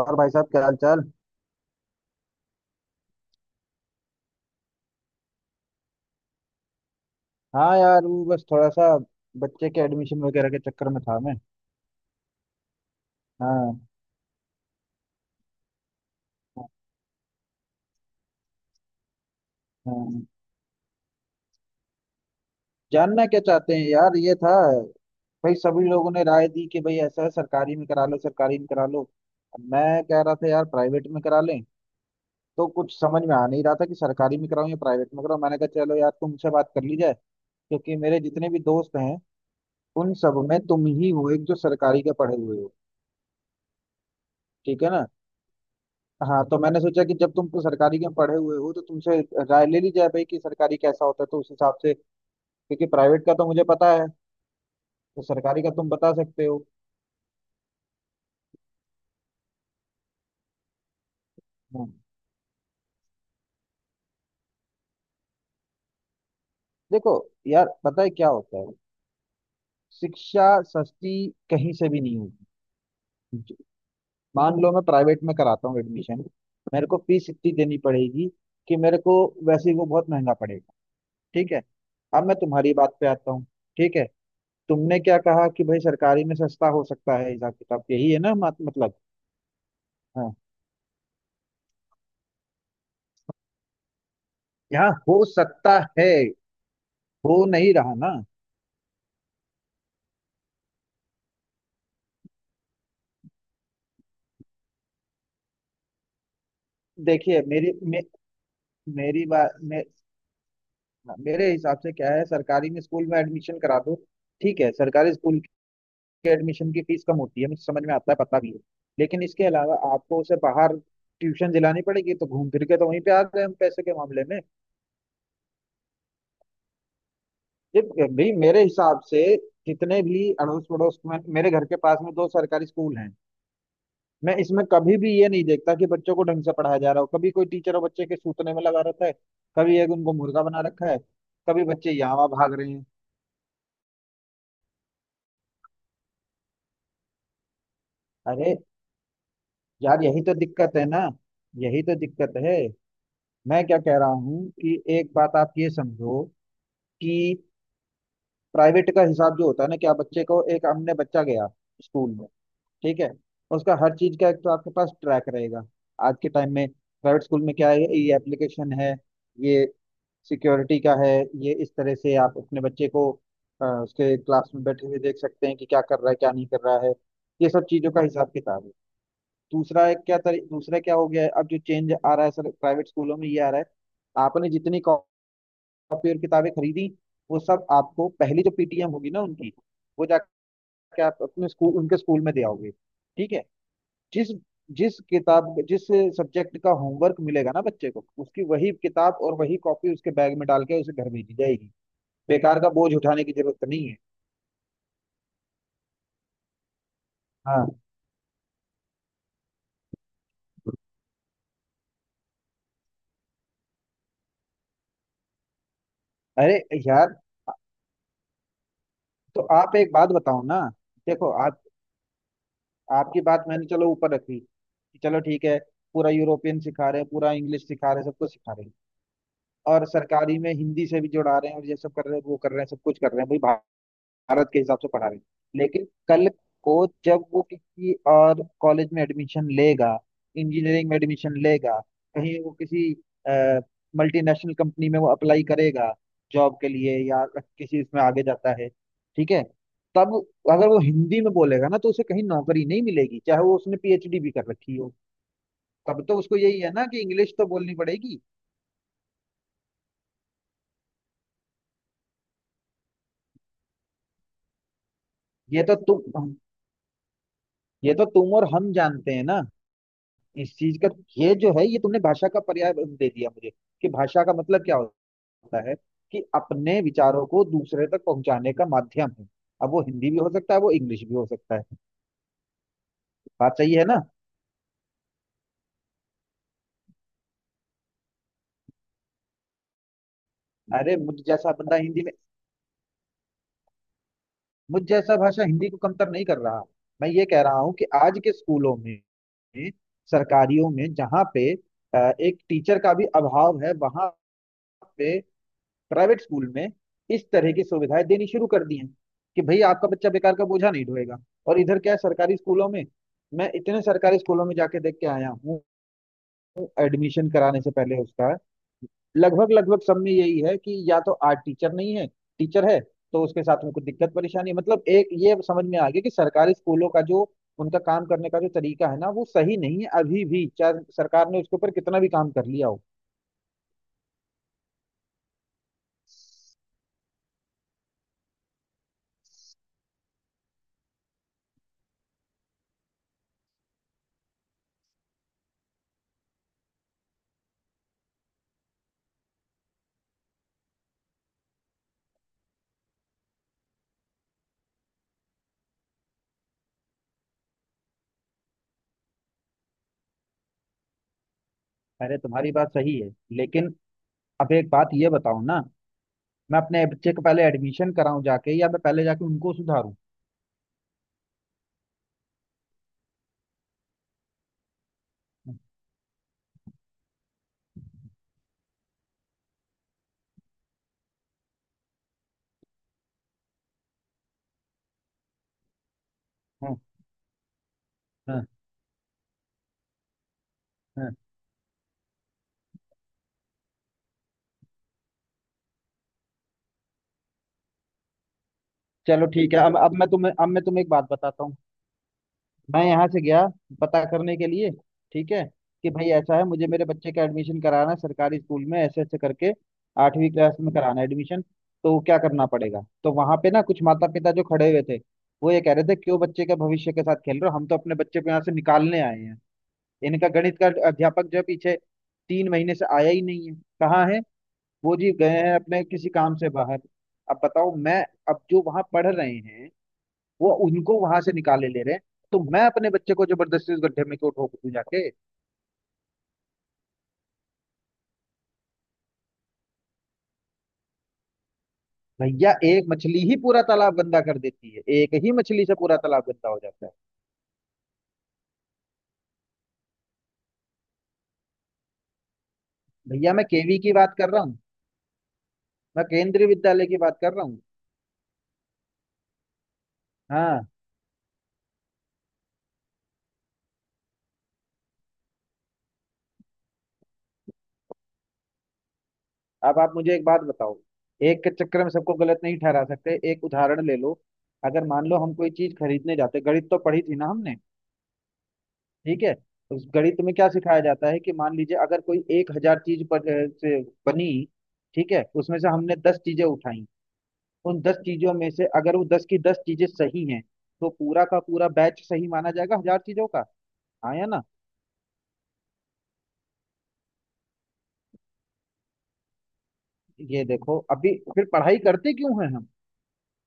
और भाई साहब क्या हाल चाल। हाँ यार, वो बस थोड़ा सा बच्चे के एडमिशन वगैरह के चक्कर में था मैं। हाँ। हाँ, जानना क्या चाहते हैं यार, ये था भाई। सभी लोगों ने राय दी कि भाई ऐसा है, सरकारी में करा लो, सरकारी में करा लो। अब मैं कह रहा था यार प्राइवेट में करा लें। तो कुछ समझ में आ नहीं रहा था कि सरकारी में कराऊं या प्राइवेट में कराऊं। मैंने कहा चलो यार तुमसे बात कर ली जाए, क्योंकि मेरे जितने भी दोस्त हैं उन सब में तुम ही हो एक जो सरकारी के पढ़े हुए हो। ठीक है ना। हाँ, तो मैंने सोचा कि जब तुम तो सरकारी के पढ़े हुए हो तो तुमसे राय ले ली जाए भाई कि सरकारी कैसा होता है, तो उस हिसाब से। क्योंकि प्राइवेट का तो मुझे पता है। तो सरकारी का तुम बता सकते हो। हाँ। देखो यार, पता है क्या होता है। शिक्षा सस्ती कहीं से भी नहीं होगी। मान लो मैं प्राइवेट में कराता हूँ एडमिशन, मेरे को फीस इतनी देनी पड़ेगी कि मेरे को वैसे ही वो बहुत महंगा पड़ेगा। ठीक है। अब मैं तुम्हारी बात पे आता हूँ। ठीक है। तुमने क्या कहा कि भाई सरकारी में सस्ता हो सकता है, हिसाब किताब यही है ना मतलब। यहाँ हो सकता है, हो नहीं रहा ना। देखिए मेरी बात मे, मेरे हिसाब से क्या है, सरकारी में स्कूल में एडमिशन करा दो। ठीक है, सरकारी स्कूल के एडमिशन की फीस कम होती है, मुझे समझ में आता है, पता भी है। लेकिन इसके अलावा आपको उसे बाहर ट्यूशन दिलानी पड़ेगी, तो घूम फिर के तो वहीं पे आ गए हम पैसे के मामले में। ये भी मेरे हिसाब से, जितने भी अड़ोस पड़ोस में मेरे घर के पास में दो सरकारी स्कूल हैं, मैं इसमें कभी भी ये नहीं देखता कि बच्चों को ढंग से पढ़ाया जा रहा हो। कभी कोई टीचर और बच्चे के सूतने में लगा रहता है, कभी एक उनको मुर्गा बना रखा है, कभी बच्चे यहाँ वहाँ भाग रहे हैं। अरे यार, यही तो दिक्कत है ना, यही तो दिक्कत है। मैं क्या कह रहा हूँ कि एक बात आप ये समझो, कि प्राइवेट का हिसाब जो होता है ना, कि आप बच्चे को एक हमने बच्चा गया स्कूल में, ठीक है, उसका हर चीज का एक तो आपके पास ट्रैक रहेगा। आज के टाइम में प्राइवेट स्कूल में क्या है, ये एप्लीकेशन है, ये सिक्योरिटी का है, ये इस तरह से आप अपने बच्चे को उसके क्लास में बैठे हुए देख सकते हैं कि क्या कर रहा है, क्या नहीं कर रहा है। ये सब चीज़ों का हिसाब किताब है। दूसरा एक क्या दूसरा क्या हो गया है, अब जो चेंज आ रहा है सर, प्राइवेट स्कूलों में ये आ रहा है, आपने जितनी कॉपी और किताबें खरीदी वो सब आपको पहली जो पीटीएम होगी ना उनकी, वो जाके आप अपने स्कूल उनके स्कूल में दे आओगे। ठीक है। जिस जिस किताब जिस सब्जेक्ट का होमवर्क मिलेगा ना बच्चे को, उसकी वही किताब और वही कॉपी उसके बैग में डाल के उसे घर भेजी जाएगी। बेकार का बोझ उठाने की जरूरत नहीं है। हाँ। अरे यार, तो आप एक बात बताओ ना। देखो आप, आपकी बात मैंने चलो ऊपर रखी कि चलो ठीक है, पूरा यूरोपियन सिखा रहे हैं, पूरा इंग्लिश सिखा रहे हैं, सब कुछ सिखा रहे हैं, और सरकारी में हिंदी से भी जोड़ा रहे हैं, और ये सब कर रहे हैं, वो कर रहे हैं, सब कुछ कर रहे हैं भाई, भारत के हिसाब से पढ़ा रहे हैं। लेकिन कल को जब वो किसी और कॉलेज में एडमिशन लेगा, इंजीनियरिंग में एडमिशन लेगा, कहीं वो किसी मल्टीनेशनल कंपनी में वो अप्लाई करेगा जॉब के लिए, या किसी इसमें आगे जाता है, ठीक है, तब अगर वो हिंदी में बोलेगा ना तो उसे कहीं नौकरी नहीं मिलेगी, चाहे वो उसने पीएचडी भी कर रखी हो। तब तो उसको यही है ना कि इंग्लिश तो बोलनी पड़ेगी। ये तो तुम ये तो तुम और हम जानते हैं ना इस चीज का। ये जो है ये तुमने भाषा का पर्याय दे दिया मुझे, कि भाषा का मतलब क्या होता है, कि अपने विचारों को दूसरे तक पहुंचाने का माध्यम है। अब वो हिंदी भी हो सकता है, वो इंग्लिश भी हो सकता है। बात सही है ना। अरे मुझ जैसा बंदा हिंदी में, मुझ जैसा भाषा हिंदी को कमतर नहीं कर रहा। मैं ये कह रहा हूँ कि आज के स्कूलों में, सरकारियों में जहाँ पे एक टीचर का भी अभाव है, वहां पे प्राइवेट स्कूल में इस तरह की सुविधाएं देनी शुरू कर दी हैं कि भाई आपका बच्चा बेकार का बोझा नहीं ढोएगा। और इधर क्या है सरकारी स्कूलों में। मैं इतने सरकारी स्कूलों में जाके देख के आया हूँ एडमिशन कराने से पहले उसका। लगभग लगभग सब में यही है कि या तो आर्ट टीचर नहीं है, टीचर है तो उसके साथ में कुछ दिक्कत परेशानी है। मतलब एक ये समझ में आ गया कि सरकारी स्कूलों का जो उनका काम करने का जो तरीका है ना वो सही नहीं है अभी भी, चाहे सरकार ने उसके ऊपर कितना भी काम कर लिया हो। अरे तुम्हारी बात सही है, लेकिन अब एक बात ये बताओ ना, मैं अपने बच्चे को पहले एडमिशन कराऊं जाके, या मैं पहले जाके उनको सुधारूं। हाँ हाँ। हाँ, चलो ठीक है। अब मैं तुम्हें एक बात बताता हूँ। मैं यहाँ से गया पता करने के लिए, ठीक है, कि भाई ऐसा है, मुझे मेरे बच्चे का एडमिशन कराना है सरकारी स्कूल में, ऐसे ऐसे करके 8वीं क्लास में कराना है एडमिशन, तो क्या करना पड़ेगा। तो वहां पे ना कुछ माता पिता जो खड़े हुए थे, वो ये कह रहे थे, क्यों बच्चे के भविष्य के साथ खेल रहे हो, हम तो अपने बच्चे को यहाँ से निकालने आए हैं, इनका गणित का अध्यापक जो है पीछे 3 महीने से आया ही नहीं है, कहाँ है वो, जी गए हैं अपने किसी काम से बाहर। अब बताओ मैं, अब जो वहां पढ़ रहे हैं वो उनको वहां से निकाले ले रहे हैं, तो मैं अपने बच्चे को जबरदस्ती उस गड्ढे में क्यों ठोक दूं जाके। भैया एक मछली ही पूरा तालाब गंदा कर देती है, एक ही मछली से पूरा तालाब गंदा हो जाता है। भैया मैं केवी की बात कर रहा हूँ, मैं केंद्रीय विद्यालय की बात कर रहा हूँ। हाँ। अब आप मुझे एक बात बताओ, एक के चक्कर में सबको गलत नहीं ठहरा सकते, एक उदाहरण ले लो। अगर मान लो हम कोई चीज खरीदने जाते, गणित तो पढ़ी थी ना हमने, ठीक है, तो उस गणित में क्या सिखाया जाता है, कि मान लीजिए अगर कोई 1,000 चीज पर से बनी, ठीक है, उसमें से हमने 10 चीजें उठाई, उन 10 चीजों में से अगर वो 10 की 10 चीजें सही हैं तो पूरा का पूरा बैच सही माना जाएगा 1,000 चीजों का। आया ना। ये देखो, अभी फिर पढ़ाई करते क्यों हैं हम,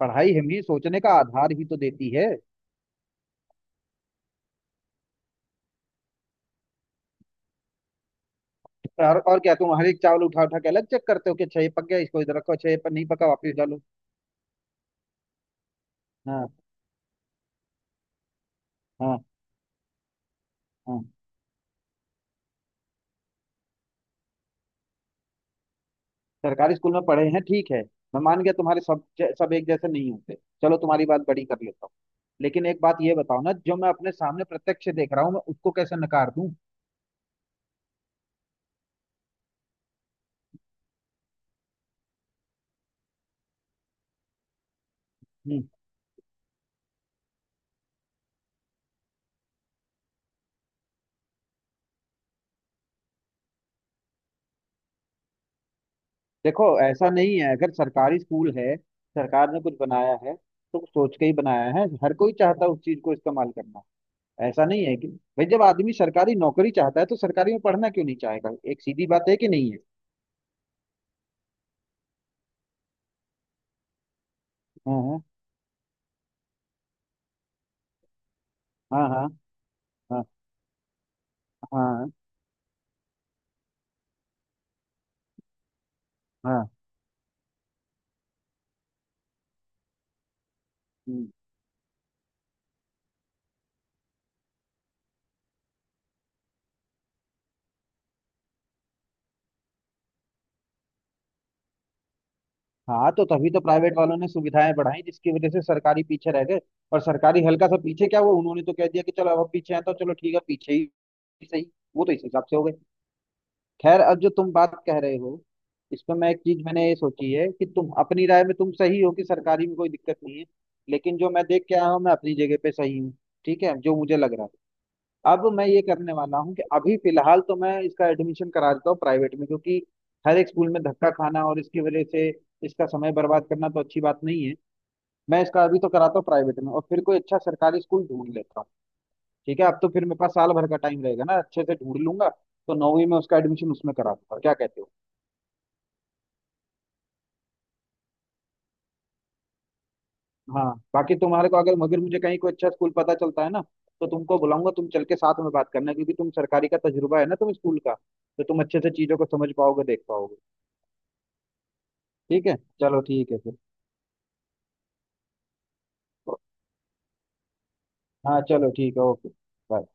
पढ़ाई हमें सोचने का आधार ही तो देती है। और क्या तुम हर एक चावल उठा उठा के अलग चेक करते हो, कि अच्छा ये पक गया इसको इधर रखो, अच्छा ये पर नहीं पका वापस डालो। हाँ। हाँ। हाँ, सरकारी स्कूल में पढ़े हैं, ठीक है, मैं मान गया तुम्हारे सब, सब एक जैसे नहीं होते। चलो तुम्हारी बात बड़ी कर लेता हूँ, लेकिन एक बात ये बताओ ना, जो मैं अपने सामने प्रत्यक्ष देख रहा हूँ मैं उसको कैसे नकार दूं। हम्म। देखो ऐसा नहीं है, अगर सरकारी स्कूल है, सरकार ने कुछ बनाया है तो सोच के ही बनाया है, हर कोई चाहता है उस चीज को इस्तेमाल करना। ऐसा नहीं है कि भाई जब आदमी सरकारी नौकरी चाहता है तो सरकारी में पढ़ना क्यों नहीं चाहेगा, एक सीधी बात है, कि नहीं है। हाँ हाँ। हाँ। हाँ हाँ। हाँ, हाँ, हाँ। हाँ, तो तभी तो प्राइवेट वालों ने सुविधाएं बढ़ाई, जिसकी वजह से सरकारी पीछे रह गए। और सरकारी हल्का सा पीछे क्या हुआ, उन्होंने तो कह दिया कि चलो अब हम पीछे हैं, तो चलो ठीक है, पीछे ही सही, वो तो इस हिसाब से हो गए। खैर, अब जो तुम बात कह रहे हो इस पर मैं एक चीज मैंने ये सोची है, कि तुम अपनी राय में तुम सही हो कि सरकारी में कोई दिक्कत नहीं है, लेकिन जो मैं देख के आया हूँ मैं अपनी जगह पे सही हूँ। ठीक है, जो मुझे लग रहा है, अब मैं ये करने वाला हूँ कि अभी फिलहाल तो मैं इसका एडमिशन करा देता हूँ प्राइवेट में, क्योंकि हर एक स्कूल में धक्का खाना और इसकी वजह से इसका समय बर्बाद करना तो अच्छी बात नहीं है। मैं इसका अभी तो कराता हूँ प्राइवेट में, और फिर कोई अच्छा सरकारी स्कूल ढूंढ लेता हूँ। ठीक है, अब तो फिर मेरे पास साल भर का टाइम रहेगा ना, अच्छे से ढूंढ लूंगा, तो 9वीं में उसका एडमिशन उसमें करा दूंगा। क्या कहते हो। हाँ, बाकी तुम्हारे को अगर मगर मुझे कहीं कोई अच्छा स्कूल पता चलता है ना तो तुमको बुलाऊंगा, तुम चल के साथ में बात करना, क्योंकि तुम सरकारी का तजुर्बा है ना तुम स्कूल का, तो तुम अच्छे से चीजों को समझ पाओगे देख पाओगे। ठीक है। चलो ठीक है फिर। हाँ, चलो ठीक है, ओके। बाय।